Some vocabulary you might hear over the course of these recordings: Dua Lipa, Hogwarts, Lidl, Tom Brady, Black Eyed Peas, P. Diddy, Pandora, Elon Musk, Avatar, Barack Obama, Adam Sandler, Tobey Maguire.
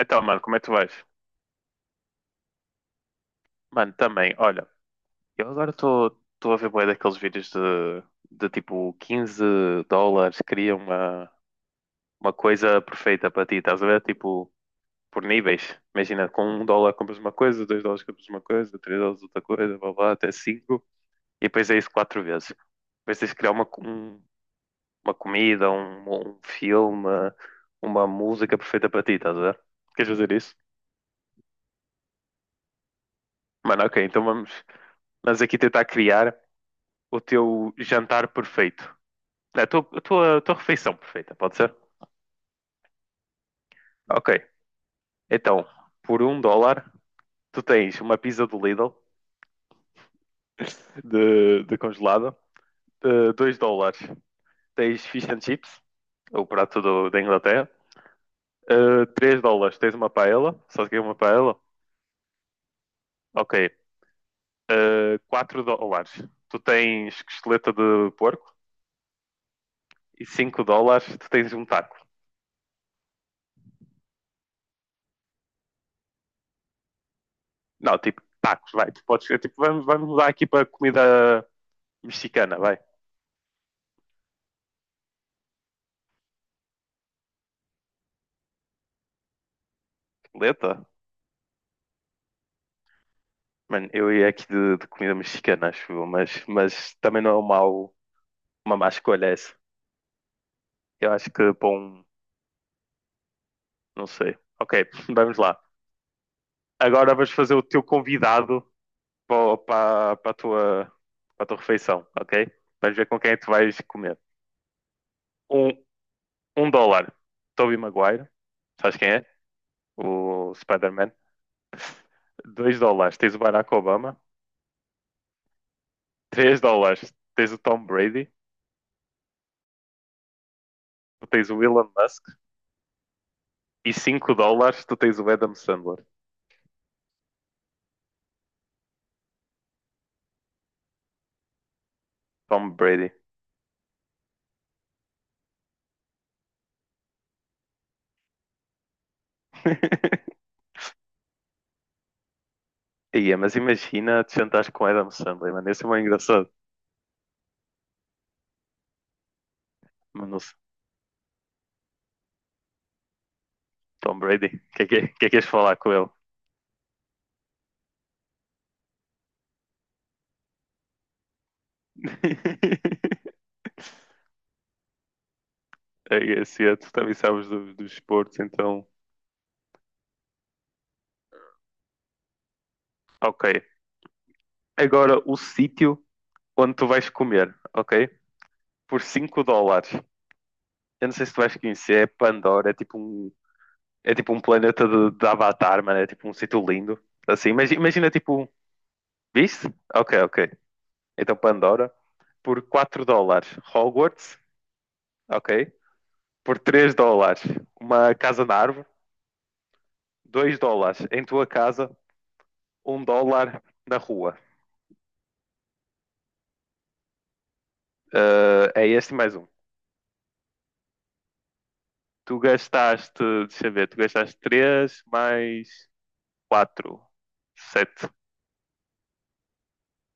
Então, mano, como é que tu vais? Mano, também, olha, eu agora estou a ver bué daqueles vídeos de tipo 15 dólares, cria uma coisa perfeita para ti, estás a ver? Tipo, por níveis. Imagina, com um dólar compras uma coisa, dois dólares compras uma coisa, três dólares outra coisa, blá blá, até cinco. E depois é isso quatro vezes. Depois tens de criar uma comida, um filme, uma música perfeita para ti, estás a ver? Queres fazer isso? Mano, ok, então vamos aqui tentar criar o teu jantar perfeito. É, a tua refeição perfeita, pode ser? Ok. Então, por um dólar, tu tens uma pizza do Lidl, de congelada. Dois dólares, tens fish and chips, o prato da Inglaterra. Três dólares, tens uma paella. Sabes o que é uma paella? Ok. Quatro dólares, tu tens costeleta de porco. E cinco dólares, tu tens um taco. Não, tipo, tacos, vai. Tu podes, é, tipo, vamos mudar aqui para comida mexicana, vai. Lenta? Mano, eu ia aqui de comida mexicana, acho eu, mas também não é uma má escolha essa. Eu acho que para um. Não sei. Ok, vamos lá. Agora vais fazer o teu convidado para, para, para a tua, para a tua refeição, ok? Vamos ver com quem é que tu vais comer. Um, um dólar, Tobey Maguire. Sabes quem é? O Spider-Man. Dois dólares, tens o Barack Obama. Três dólares, tens o Tom Brady. Tens o Elon Musk. E 5 dólares tu tens o Adam Sandler. Tom Brady. Ia, mas imagina te sentares com o Adam Sandler, mano. Esse é muito engraçado. Mas Tom Brady, o que é que és falar com ele? É esse, tu também sabes dos esportes, então. Ok. Agora o sítio onde tu vais comer, ok? Por 5 dólares. Eu não sei se tu vais conhecer, é Pandora, é tipo um planeta de Avatar, mano. É tipo um sítio lindo. Assim, imagina, tipo. Viste? Ok, ok. Então Pandora. Por 4 dólares Hogwarts, ok? Por 3 dólares uma casa na árvore, 2 dólares em tua casa, um dólar na rua. Ah, é este mais um. Deixa eu ver, tu gastaste 3 mais 4, 7.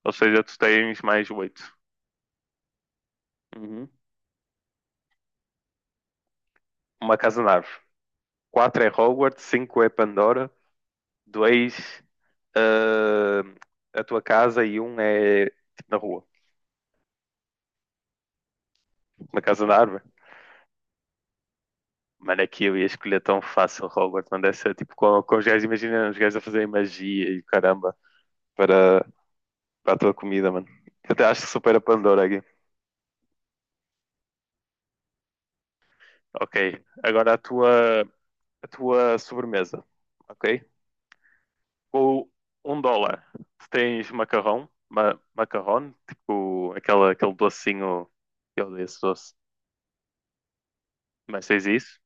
Ou seja, tu tens mais 8. Uma casa na árvore. 4 é Hogwarts, 5 é Pandora, 2 a tua casa e um é tipo, na rua. Uma casa na árvore. Mano, aqui eu ia escolher tão fácil Robert mano. Deve ser tipo com os gajos, imagina os gajos a fazerem magia e caramba para, para a tua comida, mano. Eu até acho que supera a Pandora aqui. Ok, agora a tua sobremesa, ok? Com um dólar, tu tens macarrão, tipo aquele docinho, eu odeio esse doce, mas tens isso.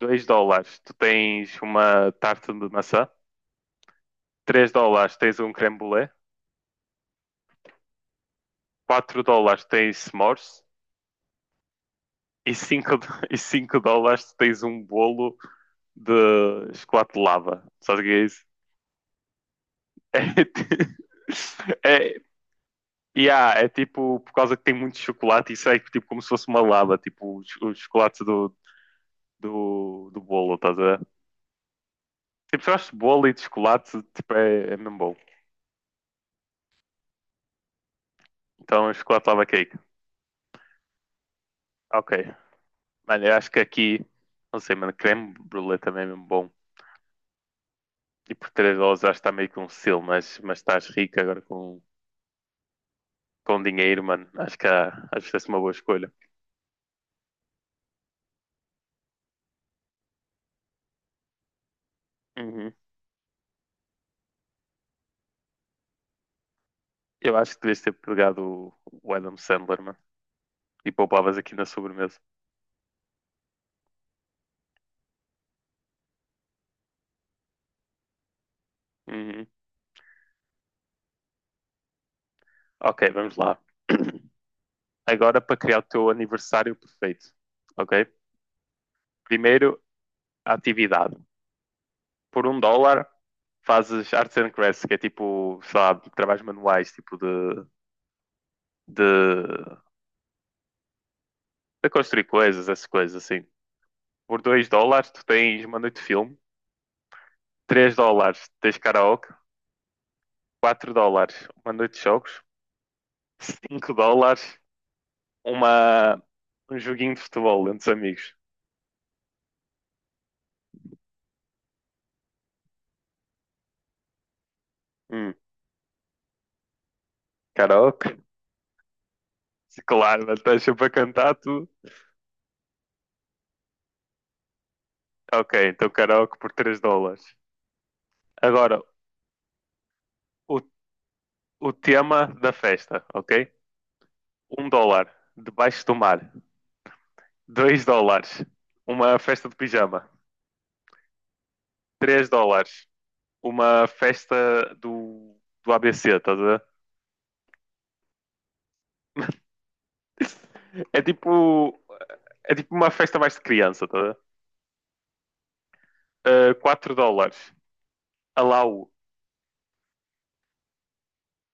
Dois dólares, tu tens uma tarta de maçã. Três dólares, tens um creme brulee. Quatro dólares, tens s'mores. E 5. E cinco dólares se tens um bolo de chocolate de lava. Sabes o que é isso? É, yeah, é tipo, por causa que tem muito chocolate, isso é tipo como se fosse uma lava, tipo os, chocolates do bolo, estás a ver? Tipo, se eu acho bolo e de chocolate, tipo, é mesmo bom. Então, chocolate lava cake. Ok. Mano, eu acho que aqui, não sei, mano, creme brulee também é mesmo bom. E por 3 dólares acho que está meio que um selo, mas estás rico agora com dinheiro, mano, acho que essa é uma boa escolha. Uhum. Eu acho que devias ter pegado o Adam Sandler, mano, e poupavas aqui na sobremesa. Uhum. Ok, vamos lá. Agora para criar o teu aniversário perfeito, ok? Primeiro, a atividade. Por um dólar, fazes arts and crafts, que é tipo, sei lá, trabalhos manuais, tipo de, de construir coisas, essas coisas assim. Por dois dólares, tu tens uma noite de filme. Três dólares, tens karaoke. Quatro dólares uma noite de jogos, 5 dólares uma, um joguinho de futebol entre os amigos. Hum, Karaoke? Claro, mas estás para cantar tudo. Ok, então karaoke por 3 dólares. Agora, o, o tema da festa, ok? Um dólar, debaixo do mar. Dois dólares, uma festa de pijama. Três dólares, uma festa do ABC, estás a ver? É tipo, é tipo uma festa mais de criança, tá? 4 dólares. Alau.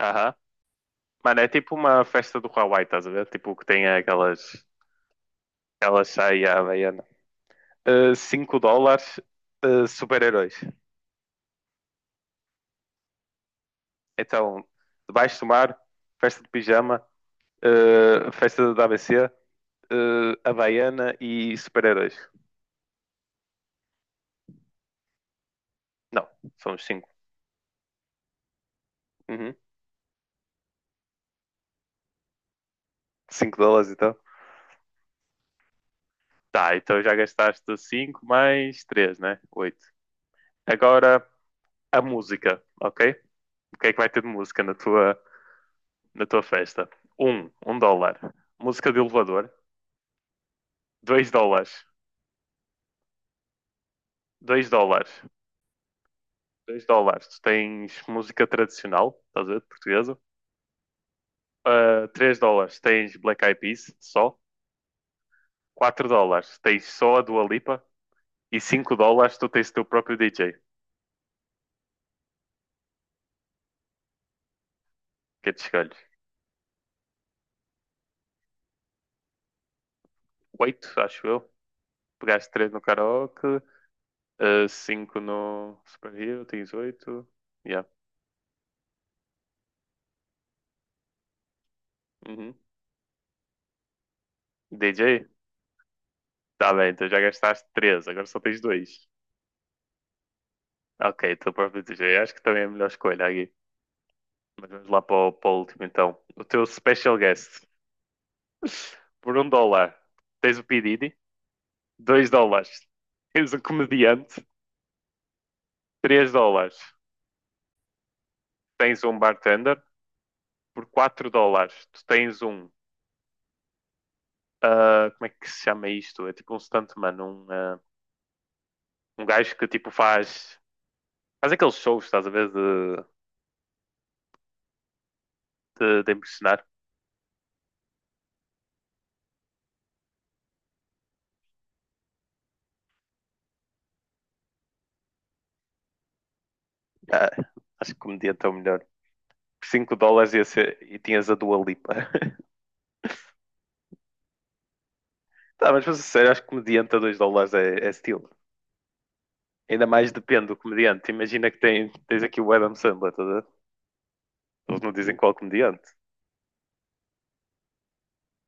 Aham. Mano, é tipo uma festa do Hawaii, estás a ver? Tipo que tem aquelas, saia à havaiana. 5 dólares, super-heróis. Então, debaixo do mar, festa de pijama, festa da ABC, havaiana e super-heróis. Não, somos cinco. Uhum. 5 dólares então. Tá, então já gastaste 5 mais 3 né? Oito. Agora a música, ok? O que é que vai ter de música na tua festa. Um dólar. Música de elevador. Dois dólares. Dois dólares. Tu tens música tradicional, estás a ver? Portuguesa. Ah, três dólares. Tens Black Eyed Peas, só. Quatro dólares. Tens só a Dua Lipa. E cinco dólares tu tens o teu próprio DJ. Que é de escolhes. Oito, acho eu. Pegaste três no karaoke. Cinco no Super Hero. Tens oito. Yeah. Uhum. DJ? Tá bem, então já gastaste três. Agora só tens dois. Ok, teu próprio DJ. Acho que também é a melhor escolha aqui. Mas vamos lá para o último então. O teu special guest. Por um dólar, tens o P. Diddy. Dois dólares, tens um comediante. Três dólares, tens um bartender. Por quatro dólares, tu tens um. Ah, como é que se chama isto? É tipo um stuntman. Um gajo que tipo faz aqueles shows, estás a ver? De impressionar. Ah, acho que comediante é o melhor. Por cinco dólares e tinhas a Dua Lipa. Tá, mas para ser sincero, acho que comediante a 2 dólares é estilo. Ainda mais depende do comediante. Imagina que tens aqui o Adam Sandler, tá a ver? Eles não dizem qual comediante.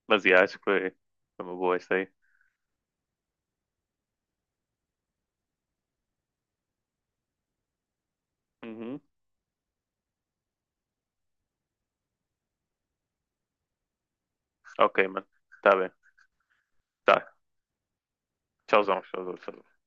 Mas yeah, acho que foi uma boa esta aí. Uhum. Ok, mano. Tá bem. Tá. Tchauzão, tchauzão, tchauzão.